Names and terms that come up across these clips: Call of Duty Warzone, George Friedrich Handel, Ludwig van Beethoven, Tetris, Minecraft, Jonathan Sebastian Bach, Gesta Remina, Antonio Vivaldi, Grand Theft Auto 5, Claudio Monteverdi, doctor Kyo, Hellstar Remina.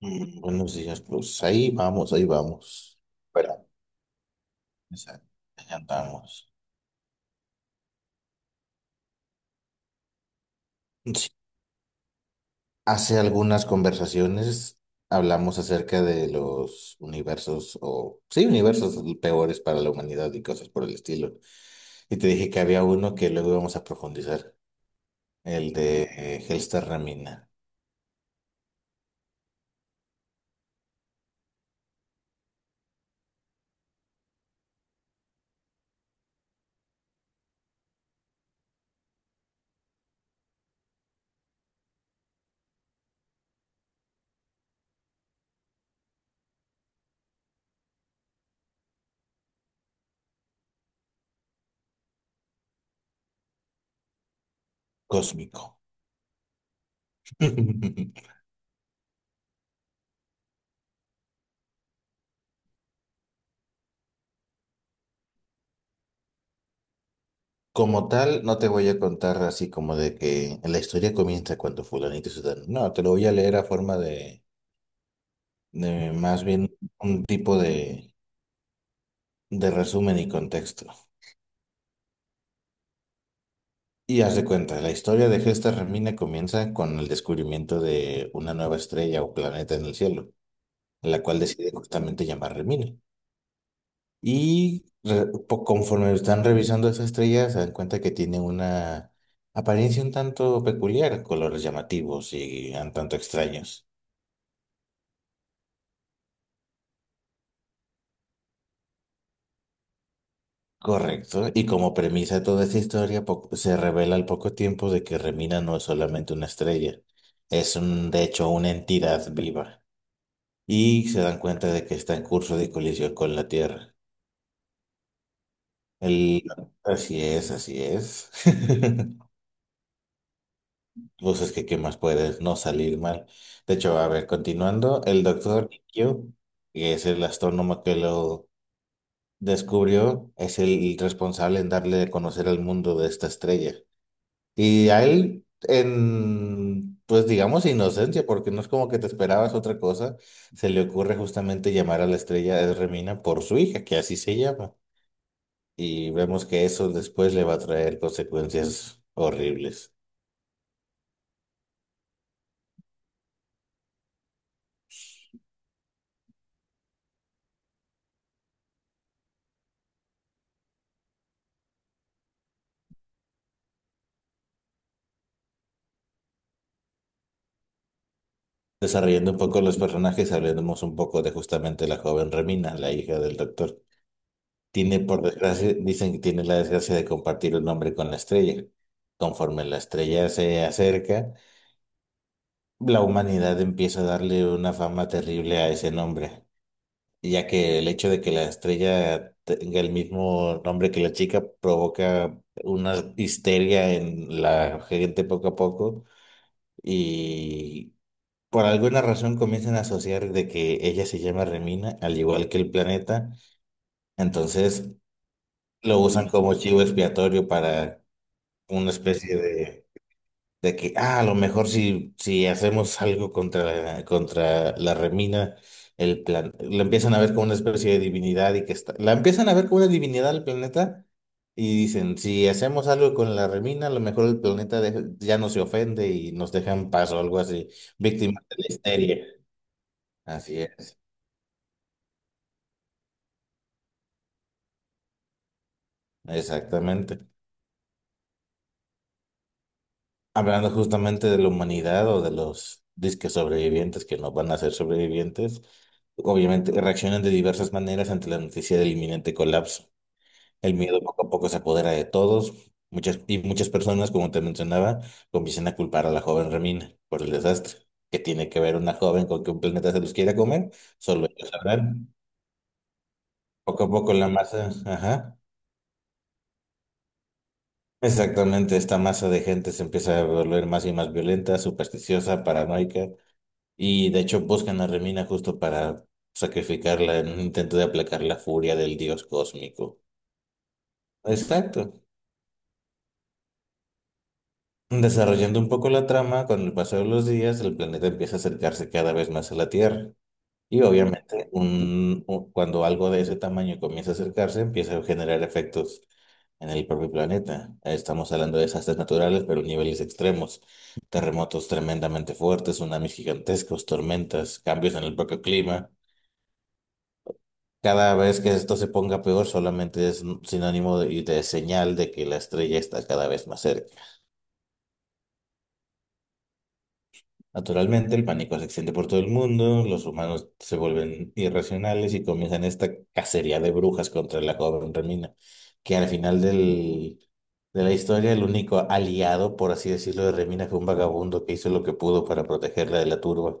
Mm, buenos días, pues ahí vamos, ahí vamos. Pero, esa- ahí andamos. Sí. Hace algunas conversaciones hablamos acerca de los universos o, sí, universos peores para la humanidad y cosas por el estilo. Y te dije que había uno que luego íbamos a profundizar, el de Hellstar Ramina, cósmico. Como tal, no te voy a contar así como de que la historia comienza cuando fulanito se da. No, te lo voy a leer a forma de más bien un tipo de resumen y contexto. Y haz de cuenta, la historia de Gesta Remina comienza con el descubrimiento de una nueva estrella o planeta en el cielo, la cual decide justamente llamar Remina. Y conforme están revisando esa estrella, se dan cuenta que tiene una apariencia un tanto peculiar, colores llamativos y un tanto extraños. Correcto. Y como premisa de toda esta historia, se revela al poco tiempo de que Remina no es solamente una estrella, es un, de hecho una entidad viva. Y se dan cuenta de que está en curso de colisión con la Tierra. El... Así es, así es. Pues es que, ¿qué más puedes? No salir mal. De hecho, a ver, continuando, el doctor Kyo, que es el astrónomo que lo descubrió, es el responsable en darle a conocer al mundo de esta estrella. Y a él, en, pues digamos, inocencia, porque no es como que te esperabas otra cosa, se le ocurre justamente llamar a la estrella de Remina por su hija, que así se llama. Y vemos que eso después le va a traer consecuencias horribles. Desarrollando un poco los personajes, hablemos un poco de justamente la joven Remina, la hija del doctor. Tiene, por desgracia, dicen que tiene la desgracia de compartir un nombre con la estrella. Conforme la estrella se acerca, la humanidad empieza a darle una fama terrible a ese nombre, ya que el hecho de que la estrella tenga el mismo nombre que la chica provoca una histeria en la gente poco a poco y por alguna razón comienzan a asociar de que ella se llama Remina, al igual que el planeta, entonces lo usan como chivo expiatorio para una especie de que ah, a lo mejor si hacemos algo contra la remina, la empiezan a ver como una especie de divinidad y que está, la empiezan a ver como una divinidad al planeta y dicen, si hacemos algo con la remina, a lo mejor el planeta ya no se ofende y nos deja en paz o algo así, víctimas de la histeria. Así es, exactamente. Hablando justamente de la humanidad o de los disques sobrevivientes que no van a ser sobrevivientes, obviamente reaccionan de diversas maneras ante la noticia del inminente colapso. El miedo poco a poco se apodera de todos, y muchas personas, como te mencionaba, comienzan a culpar a la joven Remina por el desastre. ¿Qué tiene que ver una joven con que un planeta se los quiera comer? Solo ellos sabrán. Poco a poco la masa, ajá. Exactamente, esta masa de gente se empieza a volver más y más violenta, supersticiosa, paranoica. Y de hecho buscan a Remina justo para sacrificarla en un intento de aplacar la furia del dios cósmico. Exacto. Desarrollando un poco la trama, con el paso de los días, el planeta empieza a acercarse cada vez más a la Tierra. Y obviamente, cuando algo de ese tamaño comienza a acercarse, empieza a generar efectos en el propio planeta. Estamos hablando de desastres naturales, pero niveles extremos. Terremotos tremendamente fuertes, tsunamis gigantescos, tormentas, cambios en el propio clima. Cada vez que esto se ponga peor, solamente es un sinónimo de, y de señal de que la estrella está cada vez más cerca. Naturalmente, el pánico se extiende por todo el mundo, los humanos se vuelven irracionales y comienzan esta cacería de brujas contra la joven Remina, que al final del, de la historia, el único aliado, por así decirlo, de Remina fue un vagabundo que hizo lo que pudo para protegerla de la turba.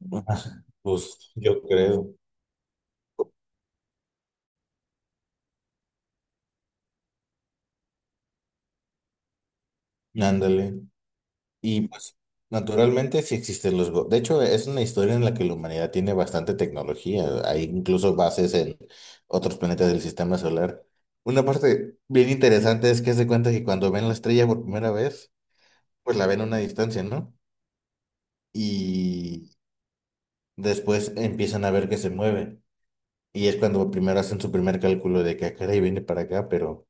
Pues yo creo. Ándale. Y pues, naturalmente sí existen los... De hecho, es una historia en la que la humanidad tiene bastante tecnología. Hay incluso bases en otros planetas del sistema solar. Una parte bien interesante es que se cuenta que cuando ven la estrella por primera vez, pues la ven a una distancia, ¿no? Y después empiezan a ver que se mueve. Y es cuando primero hacen su primer cálculo de que, "Ah, caray, viene para acá,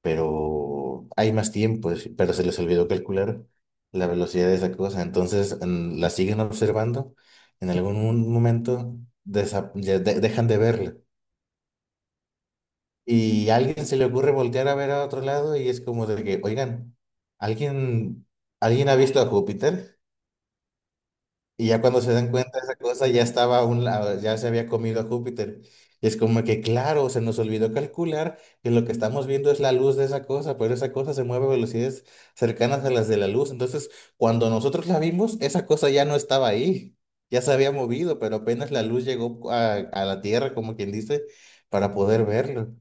pero hay más tiempo, pero se les olvidó calcular la velocidad de esa cosa, entonces la siguen observando, en algún momento dejan de verla y a alguien se le ocurre voltear a ver a otro lado y es como de que, oigan, ¿alguien, ¿alguien ha visto a Júpiter? Y ya cuando se dan cuenta de esa cosa, ya estaba a un lado, ya se había comido a Júpiter. Y es como que, claro, se nos olvidó calcular que lo que estamos viendo es la luz de esa cosa, pero esa cosa se mueve a velocidades cercanas a las de la luz. Entonces, cuando nosotros la vimos, esa cosa ya no estaba ahí, ya se había movido, pero apenas la luz llegó a la Tierra, como quien dice, para poder verlo.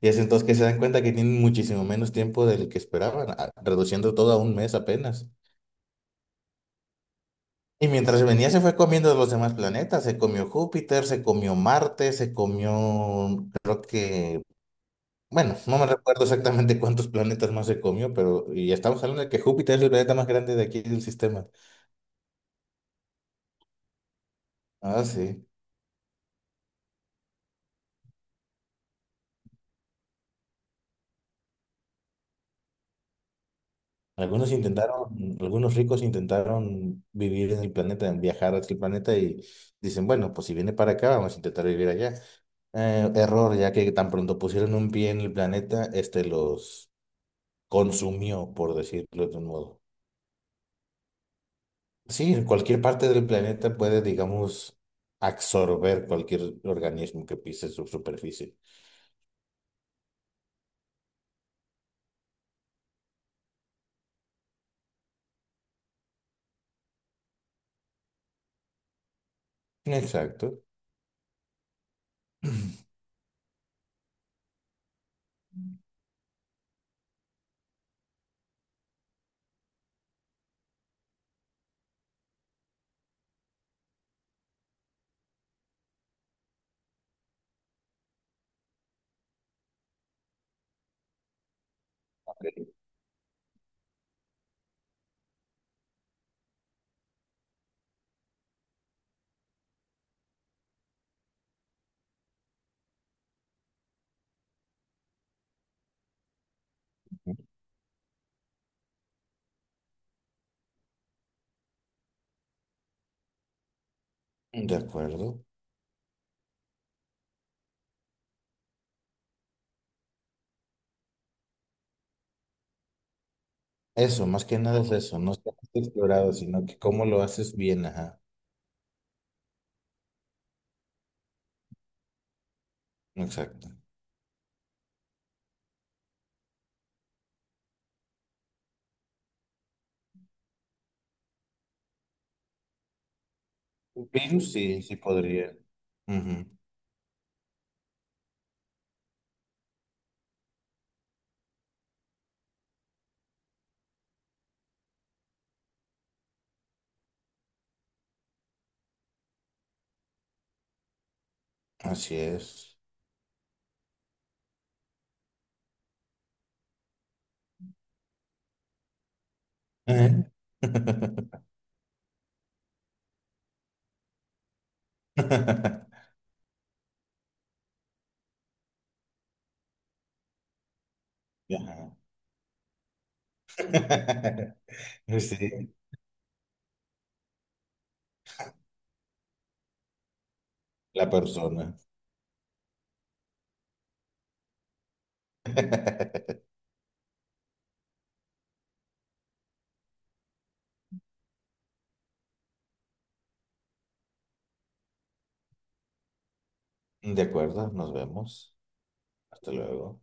Y es entonces que se dan cuenta que tienen muchísimo menos tiempo del que esperaban, reduciendo todo a un mes apenas. Y mientras venía se fue comiendo los demás planetas, se comió Júpiter, se comió Marte, se comió, creo que, bueno, no me recuerdo exactamente cuántos planetas más se comió, pero y estamos hablando de que Júpiter es el planeta más grande de aquí del sistema. Ah, sí. Algunos intentaron, algunos ricos intentaron vivir en el planeta, en viajar a aquel planeta y dicen, bueno, pues si viene para acá, vamos a intentar vivir allá. Error, ya que tan pronto pusieron un pie en el planeta, este los consumió, por decirlo de un modo. Sí, en cualquier parte del planeta puede, digamos, absorber cualquier organismo que pise su superficie. Exacto, de acuerdo. Eso, más que nada es eso, no está explorado, sino que cómo lo haces bien, ajá. Exacto. Virus sí, sí podría. Ujú, así es. ¿Eh? Ajá. Sí, la persona. De acuerdo, nos vemos. Hasta luego.